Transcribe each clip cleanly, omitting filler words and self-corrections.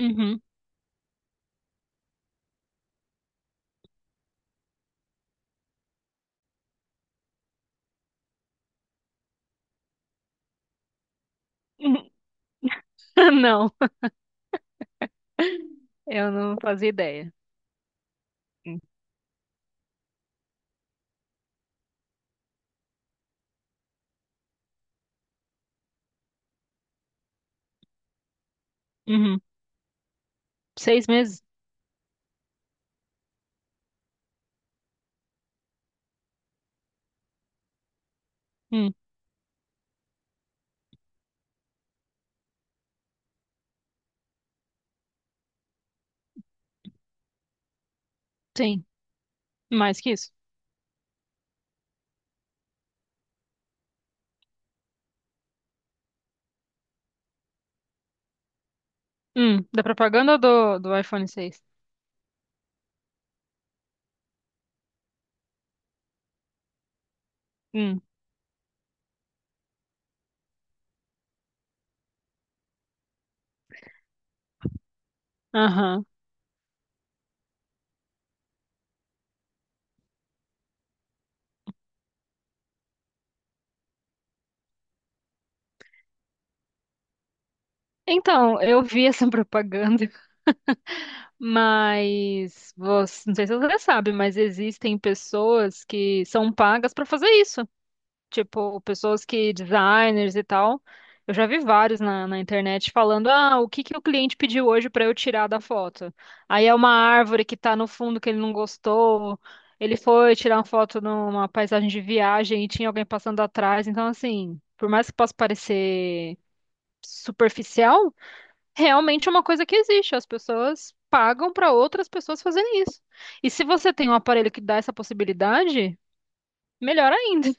Uhum. Não eu não fazia ideia. Uhum. Seis meses? Hum, sim, mais que isso. Da propaganda do iPhone seis. Hum, aham. Então, eu vi essa propaganda, mas você, não sei se você sabe, mas existem pessoas que são pagas pra fazer isso. Tipo, pessoas que, designers e tal. Eu já vi vários na internet falando, ah, o que que o cliente pediu hoje para eu tirar da foto? Aí é uma árvore que tá no fundo que ele não gostou. Ele foi tirar uma foto numa paisagem de viagem e tinha alguém passando atrás. Então, assim, por mais que possa parecer superficial, realmente é uma coisa que existe. As pessoas pagam para outras pessoas fazerem isso. E se você tem um aparelho que dá essa possibilidade, melhor ainda.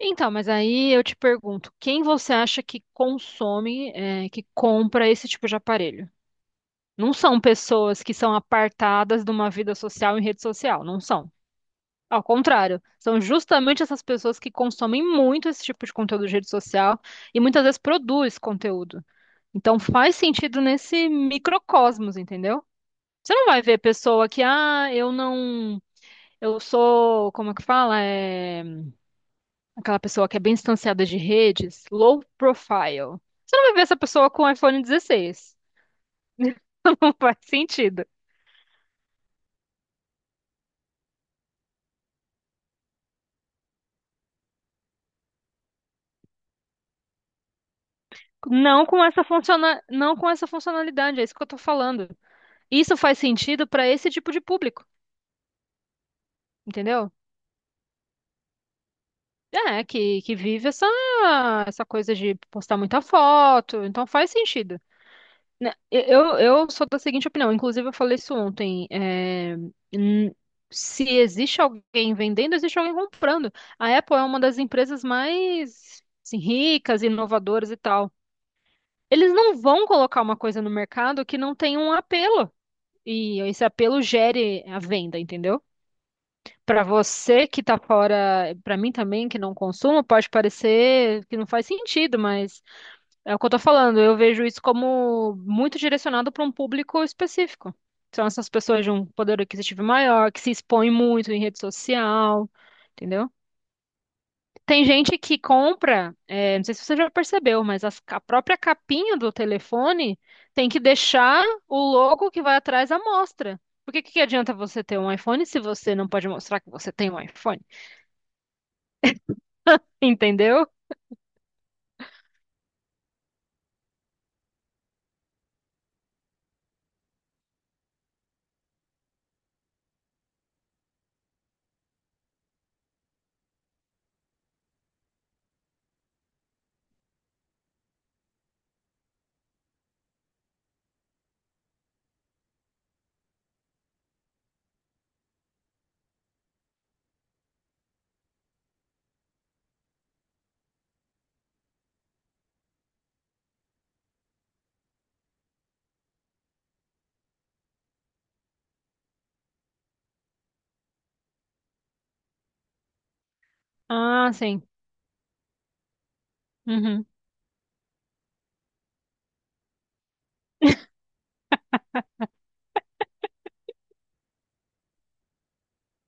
Então, mas aí eu te pergunto, quem você acha que consome, é, que compra esse tipo de aparelho? Não são pessoas que são apartadas de uma vida social em rede social, não são. Ao contrário, são justamente essas pessoas que consomem muito esse tipo de conteúdo de rede social e muitas vezes produz conteúdo. Então faz sentido nesse microcosmos, entendeu? Você não vai ver pessoa que, ah, eu não, eu sou, como é que fala? É, aquela pessoa que é bem distanciada de redes, low profile. Você não vai ver essa pessoa com iPhone 16. Não faz sentido. Não com essa funciona... não com essa funcionalidade, é isso que eu tô falando. Isso faz sentido para esse tipo de público, entendeu? É, que vive essa, essa coisa de postar muita foto, então faz sentido. Né, Eu sou da seguinte opinião, inclusive eu falei isso ontem. É, n- se existe alguém vendendo, existe alguém comprando. A Apple é uma das empresas mais assim, ricas, inovadoras e tal. Eles não vão colocar uma coisa no mercado que não tem um apelo. E esse apelo gere a venda, entendeu? Para você que tá fora, para mim também, que não consumo, pode parecer que não faz sentido, mas. É o que eu tô falando, eu vejo isso como muito direcionado para um público específico. São essas pessoas de um poder aquisitivo maior, que se expõem muito em rede social, entendeu? Tem gente que compra, é, não sei se você já percebeu, mas a própria capinha do telefone tem que deixar o logo que vai atrás à mostra. Porque que adianta você ter um iPhone se você não pode mostrar que você tem um iPhone? Entendeu? Ah, sim. Uhum.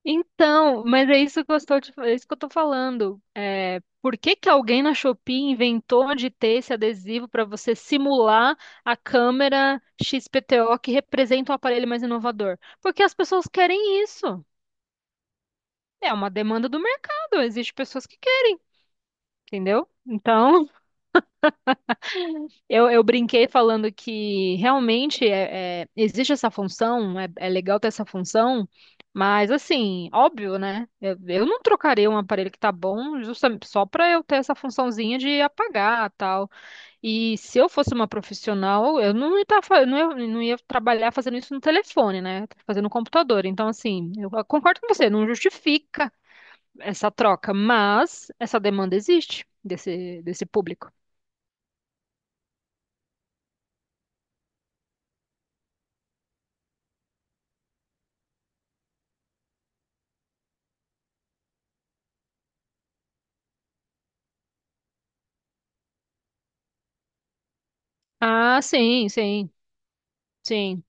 Então, mas é isso que eu estou, é isso que eu tô falando. É, por que que alguém na Shopee inventou de ter esse adesivo para você simular a câmera XPTO que representa o aparelho mais inovador? Porque as pessoas querem isso. É uma demanda do mercado, existem pessoas que querem, entendeu? Então, eu brinquei falando que realmente existe essa função, é, é legal ter essa função, mas assim, óbvio, né? Eu não trocaria um aparelho que tá bom justamente só para eu ter essa funçãozinha de apagar tal. E se eu fosse uma profissional, eu não ia, não ia, não ia trabalhar fazendo isso no telefone, né? Fazendo no computador. Então, assim, eu concordo com você, não justifica essa troca, mas essa demanda existe desse público. Ah, sim, sim. Sim.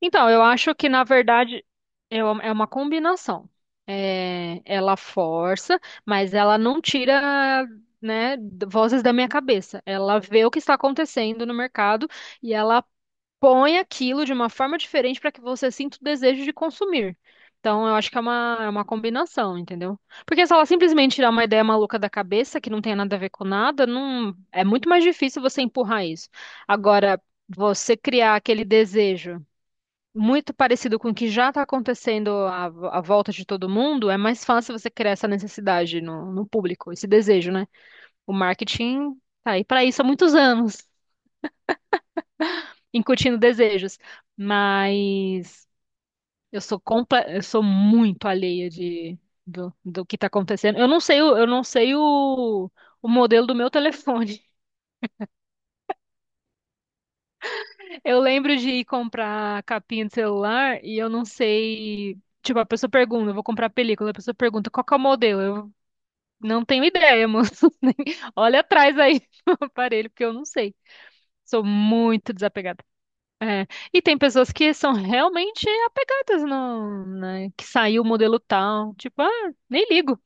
Então, eu acho que, na verdade, é uma combinação. É, ela força, mas ela não tira, né, vozes da minha cabeça. Ela vê o que está acontecendo no mercado e ela põe aquilo de uma forma diferente para que você sinta o desejo de consumir. Então, eu acho que é uma combinação, entendeu? Porque se ela simplesmente tirar uma ideia maluca da cabeça, que não tem nada a ver com nada, não, é muito mais difícil você empurrar isso. Agora, você criar aquele desejo muito parecido com o que já está acontecendo à, à volta de todo mundo, é mais fácil você criar essa necessidade no público, esse desejo, né? O marketing tá aí para isso há muitos anos, incutindo desejos. Mas eu sou eu sou muito alheia de, do que está acontecendo. Eu não sei, eu não sei o modelo do meu telefone. Eu lembro de ir comprar capinha de celular e eu não sei. Tipo, a pessoa pergunta, eu vou comprar película, a pessoa pergunta qual que é o modelo? Eu não tenho ideia, moço. Nem- olha atrás aí no aparelho, porque eu não sei. Sou muito desapegada. É. E tem pessoas que são realmente apegadas no, né, que saiu o modelo tal, tipo, ah, nem ligo.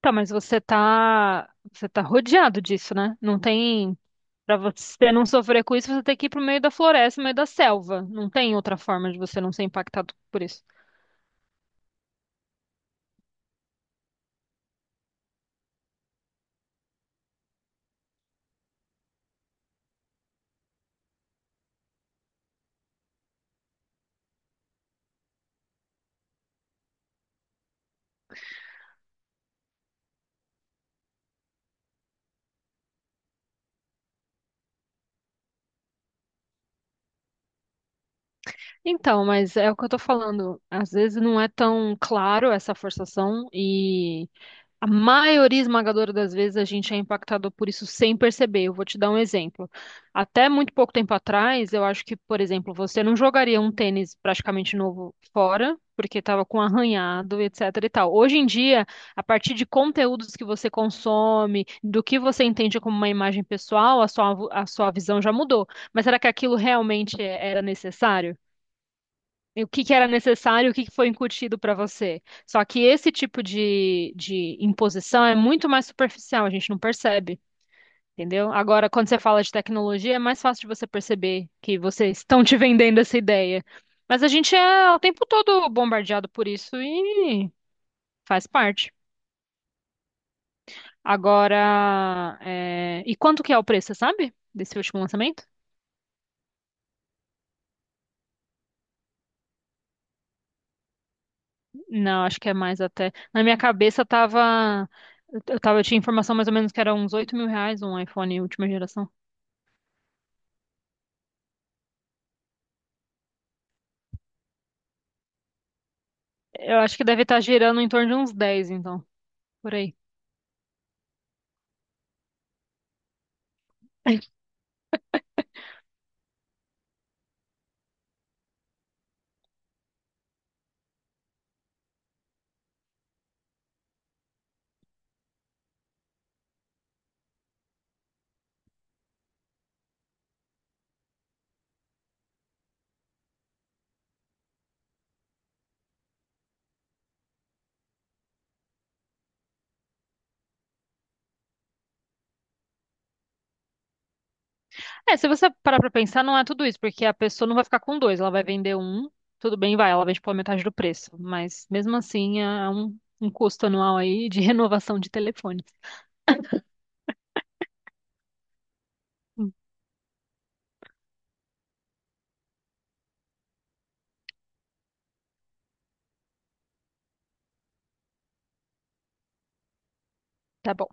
Tá, mas você tá rodeado disso, né? Não tem, pra você não sofrer com isso, você tem que ir pro meio da floresta, no meio da selva. Não tem outra forma de você não ser impactado por isso. Então, mas é o que eu tô falando. Às vezes não é tão claro essa forçação e a maioria esmagadora das vezes a gente é impactado por isso sem perceber. Eu vou te dar um exemplo. Até muito pouco tempo atrás, eu acho que, por exemplo, você não jogaria um tênis praticamente novo fora, porque estava com arranhado, etc e tal. Hoje em dia, a partir de conteúdos que você consome, do que você entende como uma imagem pessoal, a sua visão já mudou. Mas será que aquilo realmente era necessário? E o que que era necessário, o que que foi incutido para você. Só que esse tipo de imposição é muito mais superficial, a gente não percebe, entendeu? Agora, quando você fala de tecnologia, é mais fácil de você perceber que vocês estão te vendendo essa ideia. Mas a gente é o tempo todo bombardeado por isso e faz parte. Agora, é, e quanto que é o preço, você sabe? Desse último lançamento? Não, acho que é mais até. Na minha cabeça tava. Eu tava, eu tinha informação mais ou menos que era uns R$ 8 mil um iPhone última geração. Eu acho que deve estar girando em torno de uns 10 então, por aí. É, se você parar pra pensar, não é tudo isso, porque a pessoa não vai ficar com dois, ela vai vender um, tudo bem, vai, ela vende pela metade do preço, mas mesmo assim é um, um custo anual aí de renovação de telefone. Hum. Tá bom.